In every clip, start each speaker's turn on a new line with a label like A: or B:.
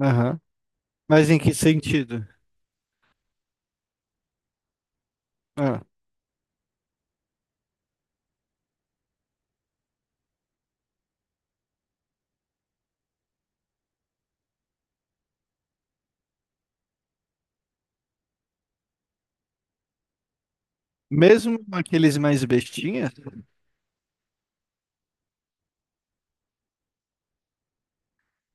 A: Aham. Mas em que sentido? Ah, mesmo aqueles mais bestinhas?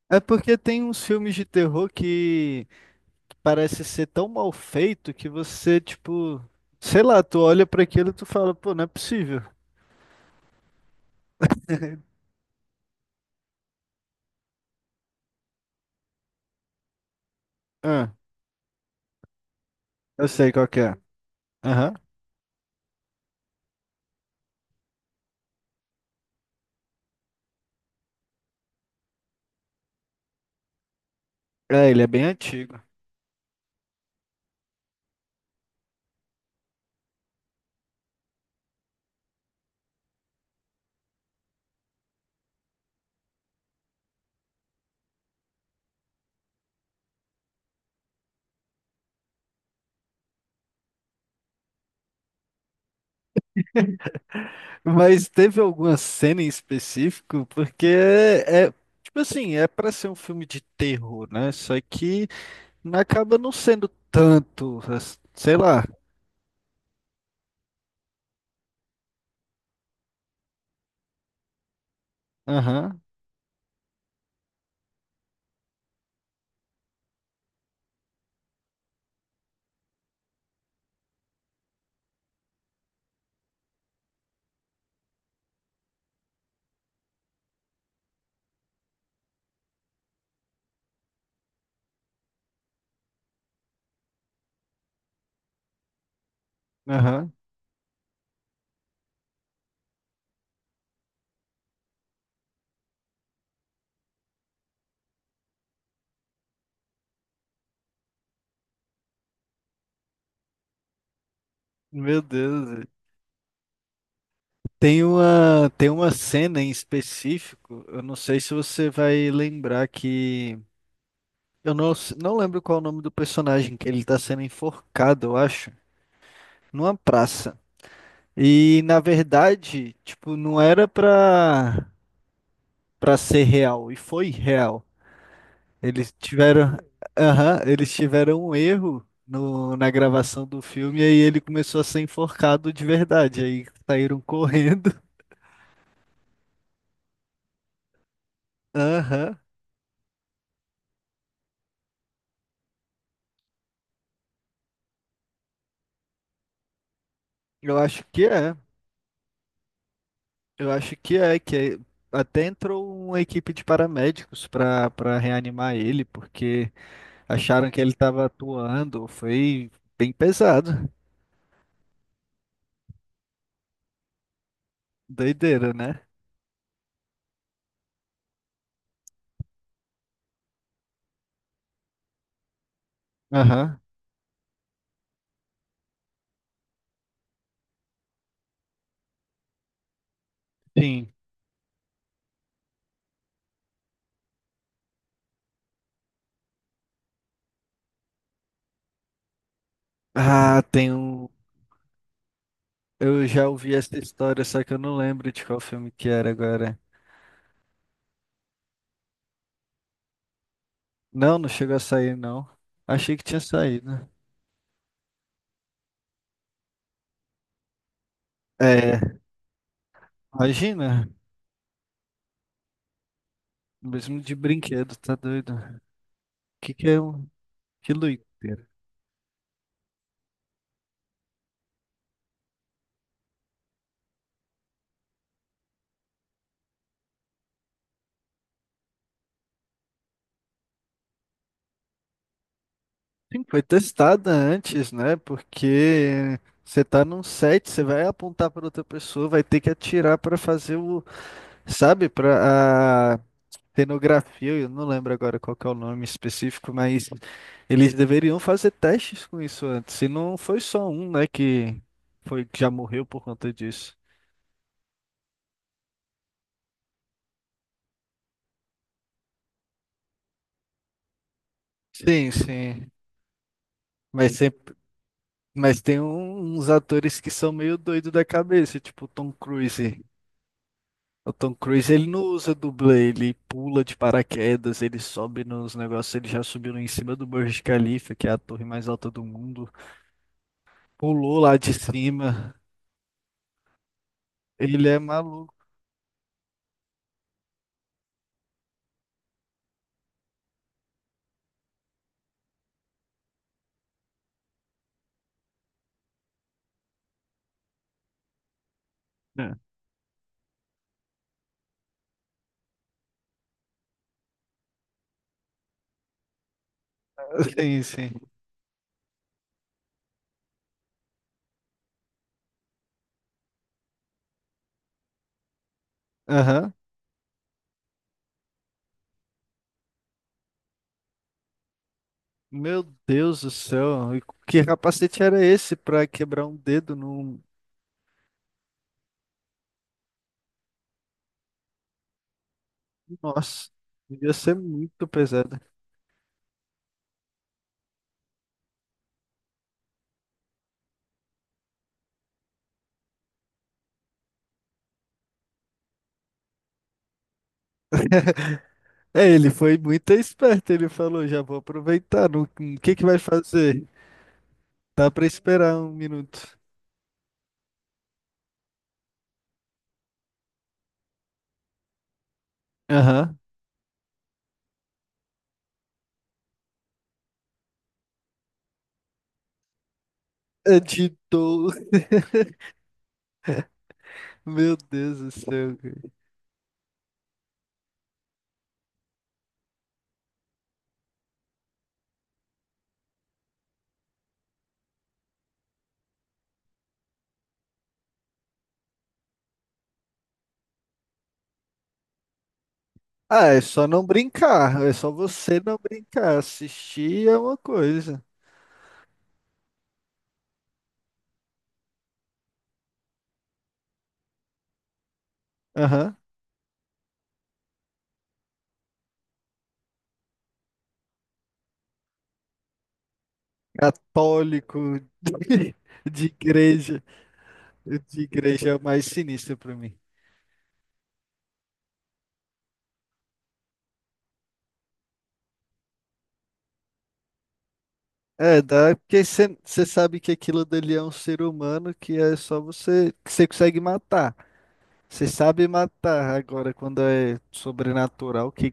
A: É porque tem uns filmes de terror que parece ser tão mal feito que você, tipo, sei lá, tu olha pra aquilo e tu fala, pô, não é possível. Ah, eu sei qual que é. Aham. É, ele é bem antigo. Mas teve alguma cena em específico? Porque tipo assim, é pra ser um filme de terror, né? Só que acaba não sendo tanto, sei lá. Aham. Aham. Meu Deus. Tem uma, cena em específico, eu não sei se você vai lembrar que. Eu não, s- não lembro qual é o nome do personagem, que ele tá sendo enforcado, eu acho, numa praça. E, na verdade, tipo, não era pra, pra ser real, e foi real. Eles tiveram. Aham, eles tiveram um erro no, na gravação do filme, e aí ele começou a ser enforcado de verdade. Aí saíram correndo. Aham. Eu acho que é. Eu acho que é, até entrou uma equipe de paramédicos para reanimar ele, porque acharam que ele estava atuando. Foi bem pesado. Doideira, né? Aham, sim. Ah, tem um. Eu já ouvi essa história, só que eu não lembro de qual filme que era agora. Não, não chegou a sair, não. Achei que tinha saído. É, imagina, mesmo de brinquedo, tá doido? Que é um. Que doido. Sim, foi testada antes, né? Porque você tá num set, você vai apontar para outra pessoa, vai ter que atirar para fazer o, sabe, para a cenografia, eu não lembro agora qual que é o nome específico, mas eles deveriam fazer testes com isso antes. E não foi só um, né, que foi que já morreu por conta disso. Sim, sim. Mas sempre, mas uns atores que são meio doido da cabeça, tipo Tom Cruise. O Tom Cruise, ele não usa dublê, ele pula de paraquedas, ele sobe nos negócios, ele já subiu em cima do Burj Khalifa, que é a torre mais alta do mundo, pulou lá de cima, ele é maluco. Né? Sim, sim. Aham. Meu Deus do céu, e que capacete era esse pra quebrar um dedo num... Nossa, devia ser muito pesado. É, ele foi muito esperto, ele falou, já vou aproveitar, o que que vai fazer? Dá pra esperar um minuto. Aham. Editou. Meu Deus do céu, cara. Ah, é só não brincar. É só você não brincar. Assistir é uma coisa. Aham. Católico de igreja. De igreja é o mais sinistro pra mim. É, dá porque você sabe que aquilo dali é um ser humano que é só você que você consegue matar. Você sabe matar agora quando é sobrenatural, que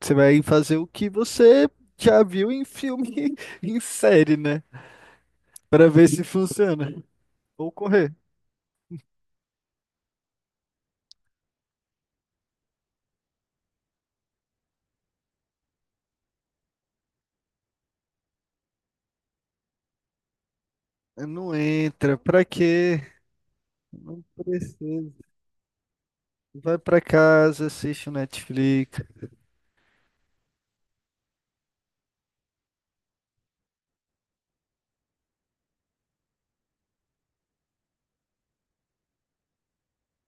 A: você vai fazer o que você já viu em filme, em série, né? Pra ver se funciona. Ou correr. Não entra, pra quê? Não precisa. Vai pra casa, assiste o Netflix.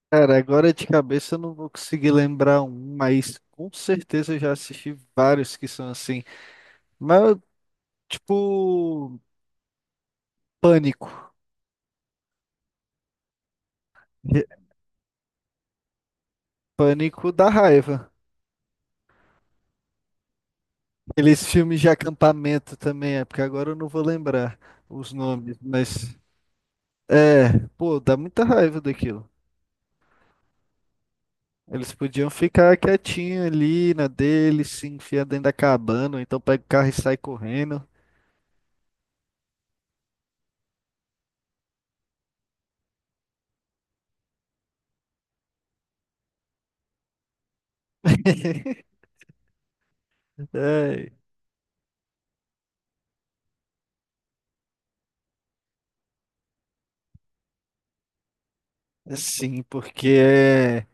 A: Cara, agora de cabeça eu não vou conseguir lembrar um, mas com certeza eu já assisti vários que são assim. Mas, tipo, Pânico. Re- Pânico da raiva. Aqueles filmes de acampamento também, é porque agora eu não vou lembrar os nomes, mas. É, pô, dá muita raiva daquilo. Eles podiam ficar quietinho ali na dele se enfiar dentro da cabana, ou então pega o carro e sai correndo. É, sim, porque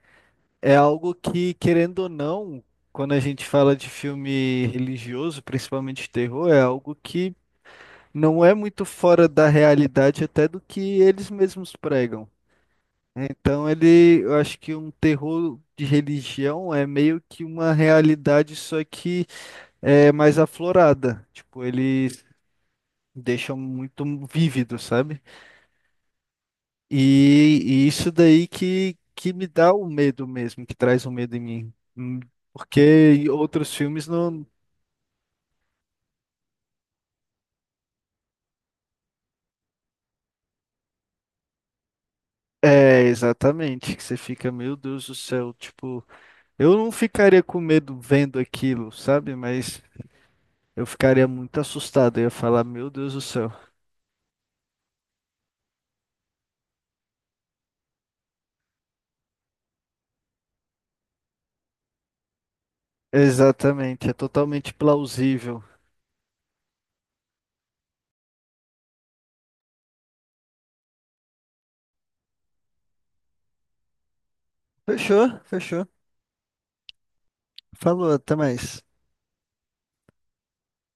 A: é algo que, querendo ou não, quando a gente fala de filme religioso, principalmente de terror, é algo que não é muito fora da realidade até do que eles mesmos pregam. Então ele, eu acho que um terror de religião é meio que uma realidade, só que é mais aflorada. Tipo, eles deixam muito vívido, sabe? E isso daí que me dá o medo mesmo, que traz o medo em mim. Porque em outros filmes não. É, exatamente, que você fica, meu Deus do céu, tipo, eu não ficaria com medo vendo aquilo, sabe? Mas eu ficaria muito assustado, eu ia falar, meu Deus do céu. Exatamente, é totalmente plausível. Fechou, fechou. Falou, até mais.